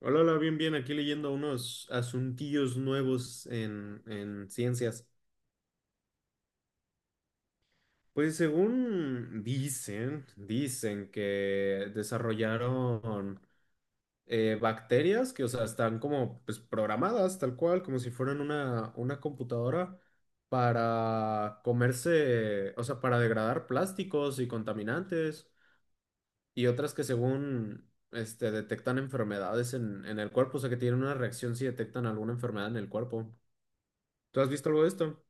Hola, hola, bien, bien, aquí leyendo unos asuntillos nuevos en ciencias. Pues según dicen que desarrollaron bacterias que, o sea, están como pues, programadas tal cual, como si fueran una computadora para comerse, o sea, para degradar plásticos y contaminantes y otras que según detectan enfermedades en el cuerpo, o sea, que tienen una reacción si detectan alguna enfermedad en el cuerpo. ¿Tú has visto algo de esto?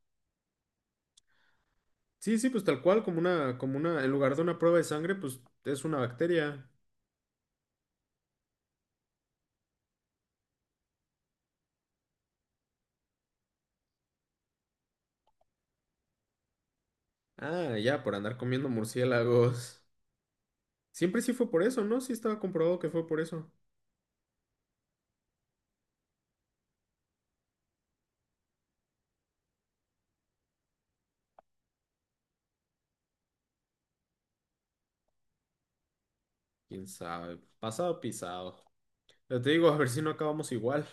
Sí, sí, pues tal cual, como una, en lugar de una prueba de sangre, pues es una bacteria. Ah, ya, por andar comiendo murciélagos. Siempre sí fue por eso, ¿no? Sí estaba comprobado que fue por eso. Quién sabe, pasado pisado. Ya te digo, a ver si no acabamos igual.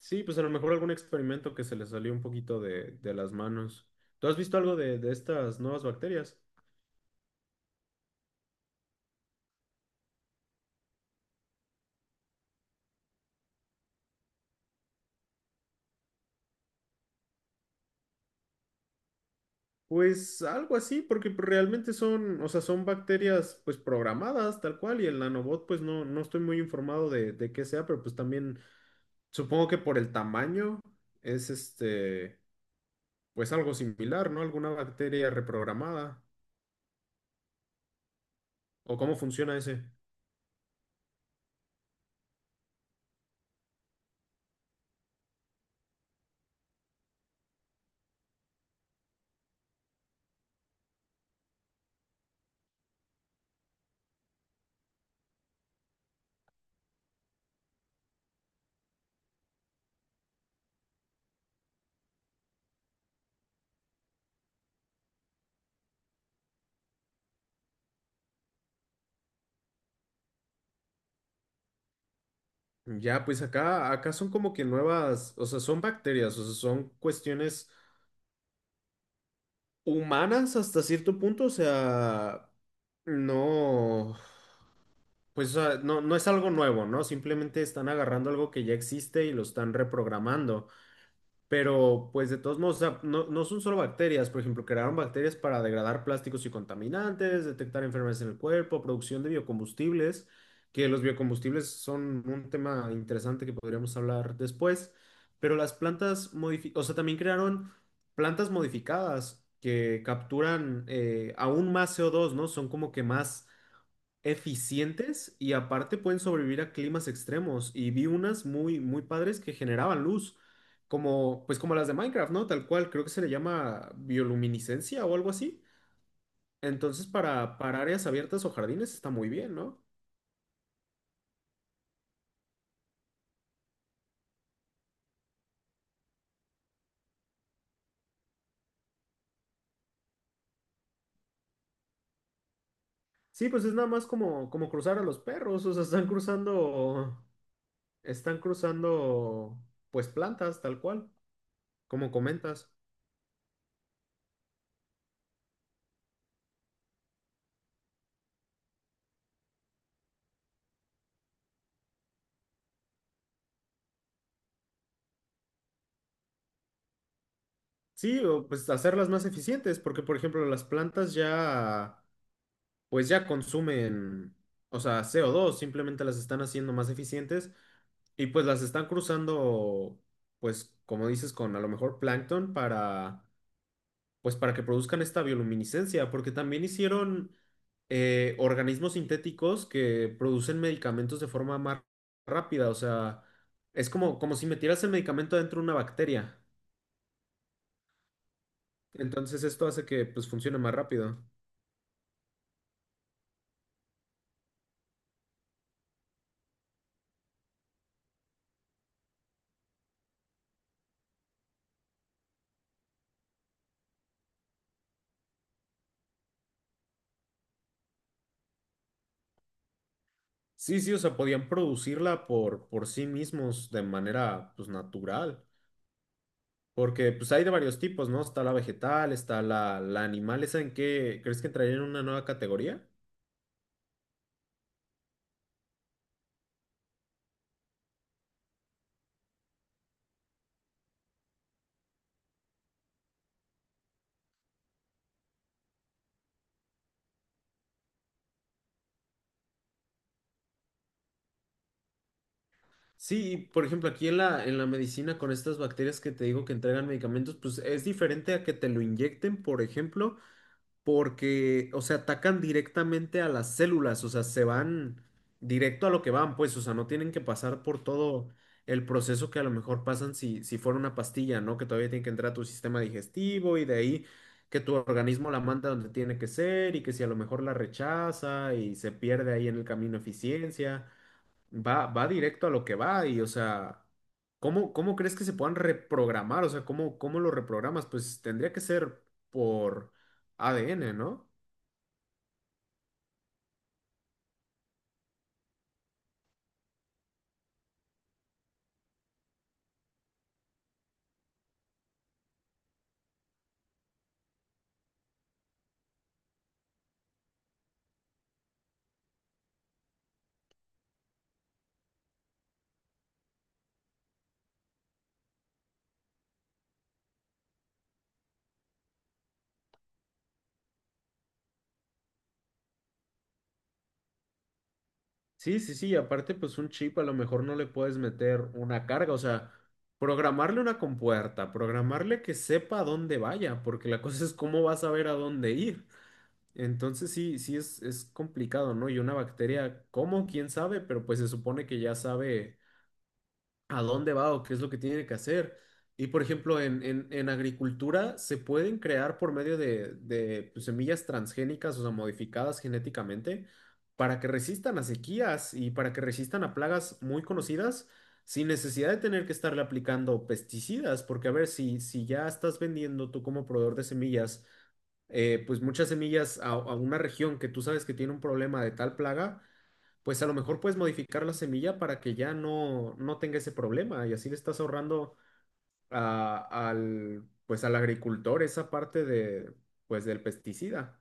Sí, pues a lo mejor algún experimento que se le salió un poquito de las manos. ¿Tú has visto algo de estas nuevas bacterias? Pues algo así, porque pues, realmente son, o sea, son bacterias pues programadas tal cual y el nanobot pues no estoy muy informado de qué sea, pero pues también supongo que por el tamaño es pues algo similar, ¿no? Alguna bacteria reprogramada o cómo funciona ese. Ya, pues acá son como que nuevas, o sea, son bacterias, o sea, son cuestiones humanas hasta cierto punto, o sea, no. Pues o sea, no es algo nuevo, ¿no? Simplemente están agarrando algo que ya existe y lo están reprogramando. Pero pues de todos modos, o sea, no son solo bacterias. Por ejemplo, crearon bacterias para degradar plásticos y contaminantes, detectar enfermedades en el cuerpo, producción de biocombustibles, que los biocombustibles son un tema interesante que podríamos hablar después. Pero las plantas modificadas, o sea, también crearon plantas modificadas que capturan aún más CO2, ¿no? Son como que más eficientes y aparte pueden sobrevivir a climas extremos. Y vi unas muy, muy padres que generaban luz, como, pues como las de Minecraft, ¿no? Tal cual, creo que se le llama bioluminiscencia o algo así. Entonces, para áreas abiertas o jardines está muy bien, ¿no? Sí, pues es nada más como, como cruzar a los perros, o sea, están cruzando, pues plantas, tal cual, como comentas. Sí, o pues hacerlas más eficientes, porque por ejemplo las plantas ya, pues ya consumen, o sea, co dos. Simplemente las están haciendo más eficientes y pues las están cruzando, pues como dices, con a lo mejor plancton para, pues para que produzcan esta bioluminiscencia, porque también hicieron organismos sintéticos que producen medicamentos de forma más rápida, o sea, es como, como si metieras el medicamento dentro de una bacteria, entonces esto hace que pues funcione más rápido. Sí, sí, o sea, podían producirla por sí mismos de manera, pues, natural. Porque, pues, hay de varios tipos, ¿no? Está la vegetal, está la animal. ¿Esa en qué crees que entraría en una nueva categoría? Sí, y, por ejemplo, aquí en la medicina con estas bacterias que te digo que entregan medicamentos, pues es diferente a que te lo inyecten, por ejemplo, porque, o sea, atacan directamente a las células, o sea, se van directo a lo que van, pues, o sea, no tienen que pasar por todo el proceso que a lo mejor pasan si fuera una pastilla, ¿no? Que todavía tiene que entrar a tu sistema digestivo y de ahí que tu organismo la manda donde tiene que ser y que si a lo mejor la rechaza y se pierde ahí en el camino eficiencia. Va, va directo a lo que va y, o sea, ¿cómo, cómo crees que se puedan reprogramar? O sea, ¿cómo, cómo lo reprogramas? Pues tendría que ser por ADN, ¿no? Sí, sí, sí, y aparte, pues un chip a lo mejor no le puedes meter una carga, o sea, programarle una compuerta, programarle que sepa a dónde vaya, porque la cosa es cómo vas a saber a dónde ir. Entonces sí, sí es complicado, ¿no? Y una bacteria, ¿cómo? ¿Quién sabe? Pero pues se supone que ya sabe a dónde va o qué es lo que tiene que hacer. Y por ejemplo, en agricultura se pueden crear por medio de, pues, semillas transgénicas, o sea, modificadas genéticamente, para que resistan a sequías y para que resistan a plagas muy conocidas, sin necesidad de tener que estarle aplicando pesticidas, porque a ver, si ya estás vendiendo tú como proveedor de semillas, pues muchas semillas a una región que tú sabes que tiene un problema de tal plaga, pues a lo mejor puedes modificar la semilla para que ya no tenga ese problema y así le estás ahorrando al agricultor esa parte de, pues del pesticida.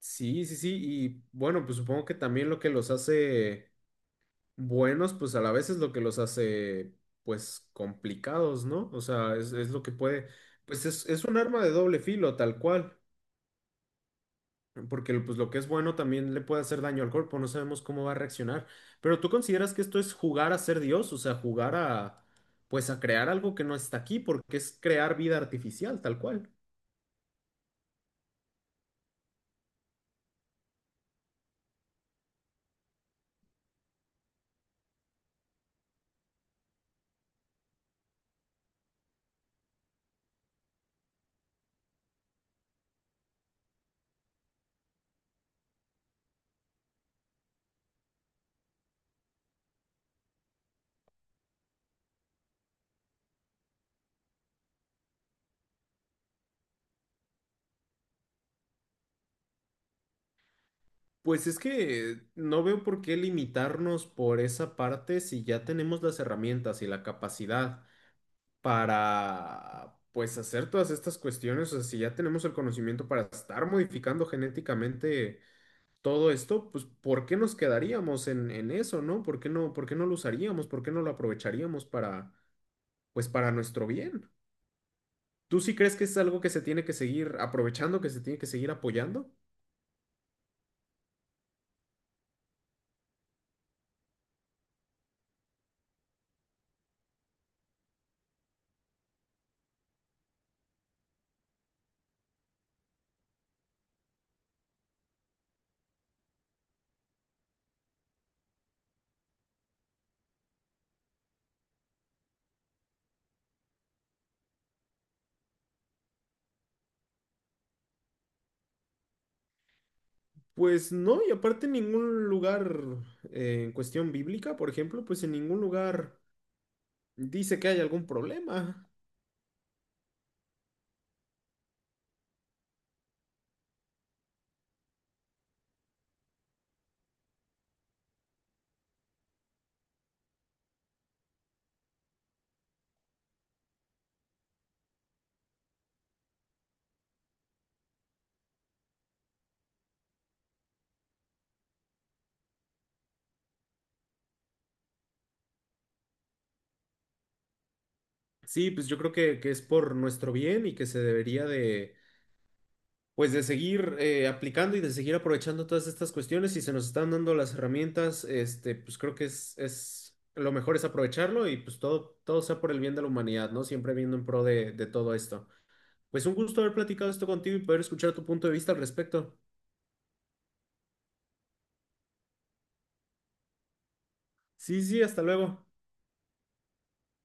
Sí, sí, sí, y bueno, pues supongo que también lo que los hace buenos, pues a la vez es lo que los hace, pues complicados, ¿no? O sea, es lo que puede, pues es un arma de doble filo, tal cual. Porque pues lo que es bueno también le puede hacer daño al cuerpo, no sabemos cómo va a reaccionar. Pero ¿tú consideras que esto es jugar a ser Dios? O sea, jugar a, pues a crear algo que no está aquí, porque es crear vida artificial, tal cual. Pues es que no veo por qué limitarnos por esa parte si ya tenemos las herramientas y la capacidad para, pues hacer todas estas cuestiones, o sea, si ya tenemos el conocimiento para estar modificando genéticamente todo esto, pues ¿por qué nos quedaríamos en eso, no? ¿Por qué no, por qué no lo usaríamos? ¿Por qué no lo aprovecharíamos para, pues para nuestro bien? ¿Tú sí crees que es algo que se tiene que seguir aprovechando, que se tiene que seguir apoyando? Pues no, y aparte en ningún lugar, en cuestión bíblica, por ejemplo, pues en ningún lugar dice que hay algún problema. Sí, pues yo creo que es por nuestro bien y que se debería de pues de seguir aplicando y de seguir aprovechando todas estas cuestiones y se nos están dando las herramientas, este, pues creo que es lo mejor es aprovecharlo y pues todo, todo sea por el bien de la humanidad, ¿no? Siempre viendo en pro de todo esto. Pues un gusto haber platicado esto contigo y poder escuchar tu punto de vista al respecto. Sí, sí, hasta luego.